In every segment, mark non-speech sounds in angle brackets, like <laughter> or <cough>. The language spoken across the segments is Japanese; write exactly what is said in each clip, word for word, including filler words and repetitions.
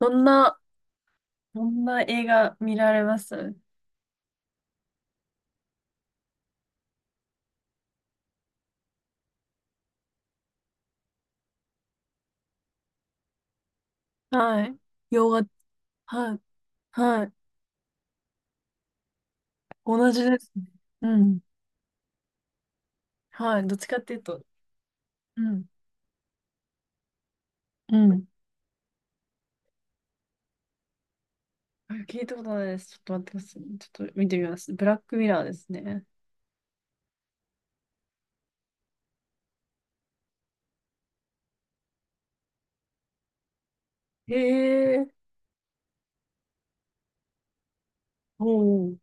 どんな、どんな映画見られます？はい、洋画、はい、はい、同じですね。うん。はい、どっちかっていうと、うん。うん。あ、聞いたことないです。ちょっと待ってください。ちょっと見てみます。ブラックミラーですね。へえ、おう、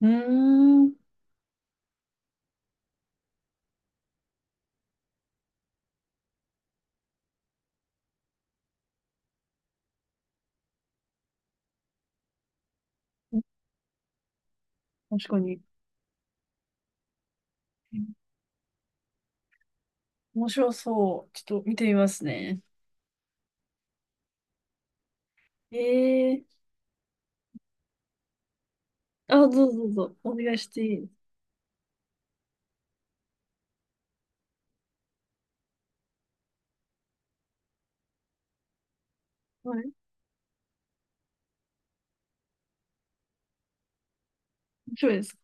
うーん。確かに。面白そう。ちょっと見てみますね。へえー。あ、どうぞどうぞ。お願いしていいですか？はい、面白いですか？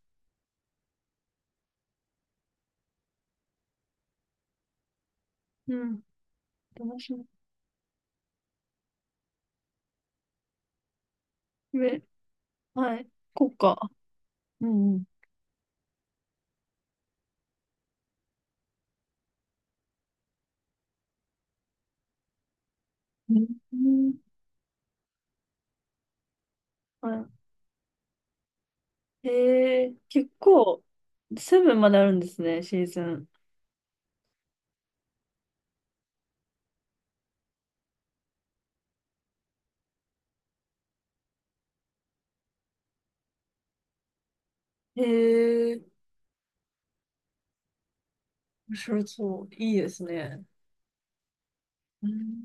うん、楽しみ。え、はい。こうか。うんうん。うん、はい。へえ、結構、セブンまであるんですね、シーズン。へえ、面白そう。いいですね。うん、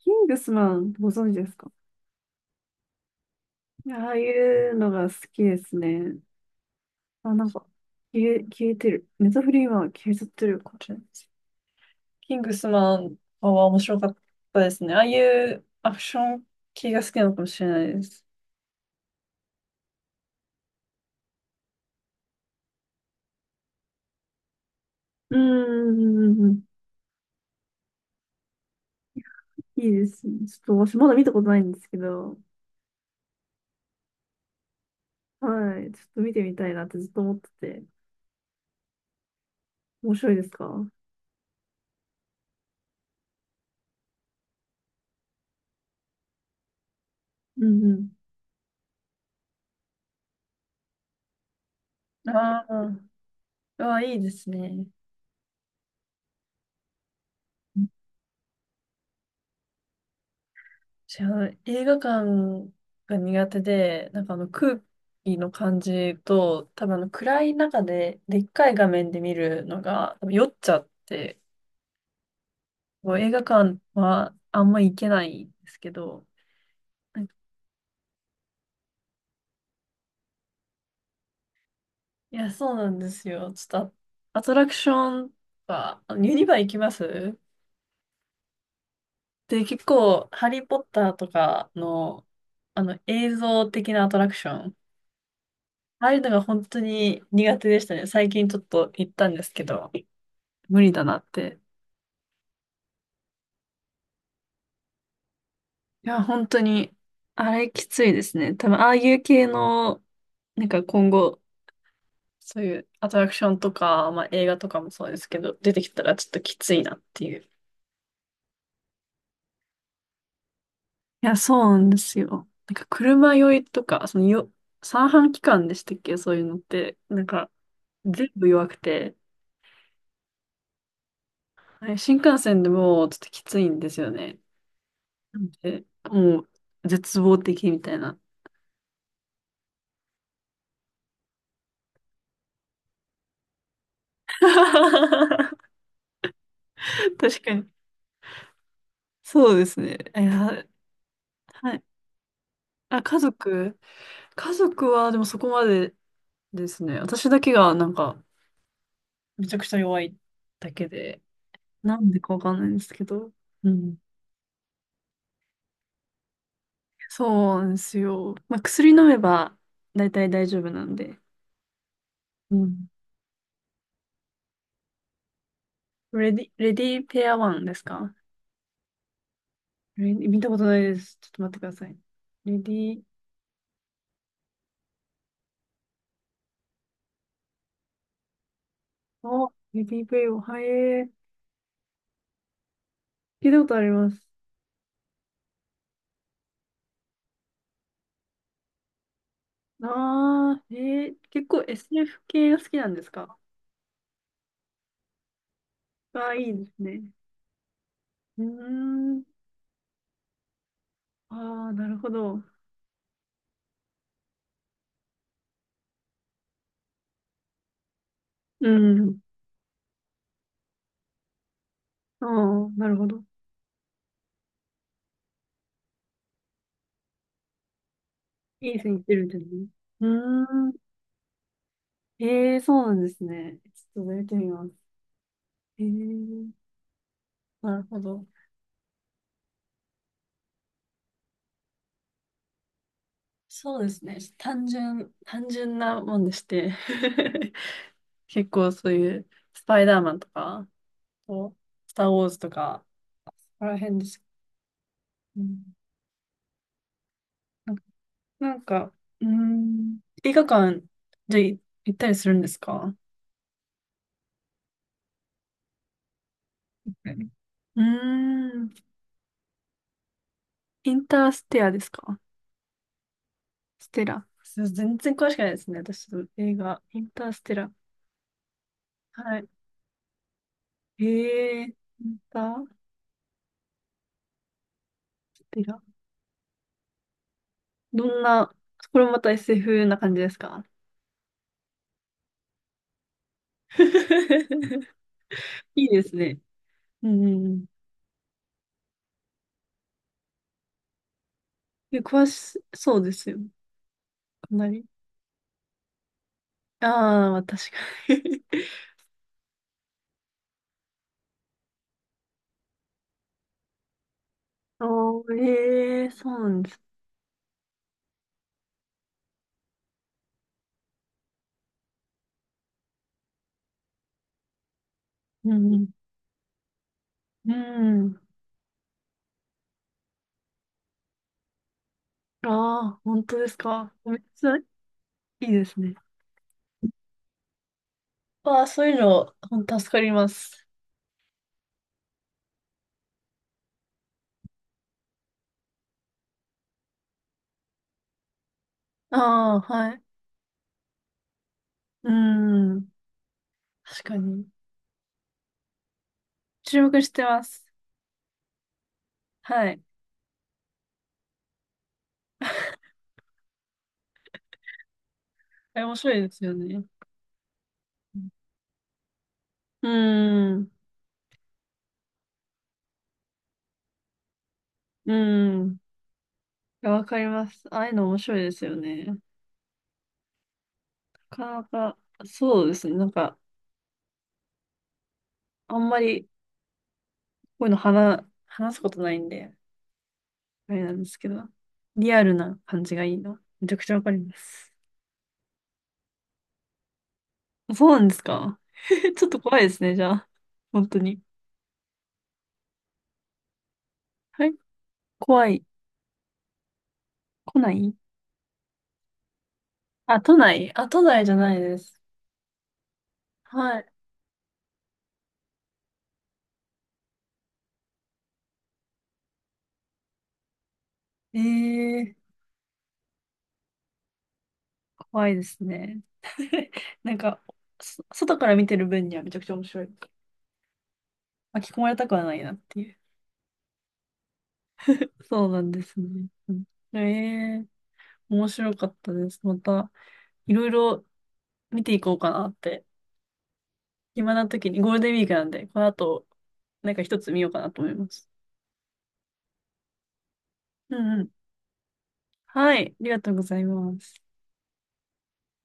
キングスマン、ご存知ですか？ああいうのが好きですね。あ、なんか、消え、消えてる。ネタフリーは消えちゃってるかもしれないです。キングスマンは面白かったですね。ああいうアクション系が好きなのかもしれないです。うんうん、いいですね。ちょっと私まだ見たことないんですけど、はい。ちょっと見てみたいなってずっと思ってて。面白いですか？うんうん。ああ、ああ、いいですね。私は映画館が苦手で、なんかあの空気の感じと、多分あの暗い中で、でっかい画面で見るのが、多分酔っちゃって、もう映画館はあんま行けないんですけど、なんか、いや、そうなんですよ。ちょっとアアトラクションは、あのユニバ行きます。で、結構、ハリー・ポッターとかの、あの、映像的なアトラクション、ああいうのが本当に苦手でしたね。最近ちょっと行ったんですけど、無理だなって。いや、本当に、あれきついですね。多分、ああいう系の、なんか今後、そういうアトラクションとか、まあ映画とかもそうですけど、出てきたらちょっときついなっていう。いや、そうなんですよ。なんか車酔いとか、そのよ、三半規管でしたっけ？そういうのって、なんか全部弱くて、はい、新幹線でもうちょっときついんですよね。なんで、もう絶望的みたいな。<laughs> 確かに。そうですね。いや、はい。あ、家族。家族はでもそこまでですね。私だけがなんかめちゃくちゃ弱いだけで、なんでかわかんないんですけど。うん。そうなんですよ。まあ、薬飲めば大体大丈夫なんで。うん。レディ、レディペアワンですか？レディ見たことないです。ちょっと待ってください。レディー、あ、レディープレイを、はい、えー、聞いたことあります。ああ、えー、結構 エスエフ 系が好きなんですか？ああ、いいですね。うーん、ああ、なるほど。うん、ああ、なるほど。いい線いってるんですね。うーん、ええ、そうなんですね。ちょっとやってみます。ええ、なるほど。そうですね。単純、単純なもんでして。<laughs> 結構そういうスパイダーマンとか、こうスター・ウォーズとか、そこら辺です。うん、なんか、なんか、うーん、映画館、じゃあい行ったりするんですか？うん、うーん、インターステラですか？ステラ。そう全然詳しくないですね、私、映画。インターステラ。はい。えー、インターステラ。どんな、これもまた エスエフ な感じですか？ <laughs> いいですね。うんうんうん。で詳しそうですよ。隣。ああ、まあ確かに。 <laughs> おー、ええ、そうなんです。うん。うん。ああ、本当ですか。めっちゃいいですね。ああ、そういうの、ほんと助かります。ああ、はい。うん。確かに。注目してます。はい。あれ面白いですよね。うん。うん。いや、わかります。ああいうの面白いですよね。なかなか、そうですね。なんか、あんまり、こういうの話、話すことないんで。あれなんですけど、リアルな感じがいいな。めちゃくちゃわかります。そうなんですか？ <laughs> ちょっと怖いですね、じゃあ。本当に。はい。怖い。来ない。あ、都内。あ、都内じゃないです。はい。ええ、怖いですね。<laughs> なんか、そ外から見てる分にはめちゃくちゃ面白い。巻き込まれたくはないなっていう。そうなんですね。ええー、面白かったです。また、いろいろ見ていこうかなって、暇な時に、ゴールデンウィークなんで、この後、なんか一つ見ようかなと思います。うんうん。はい、ありがとうございます。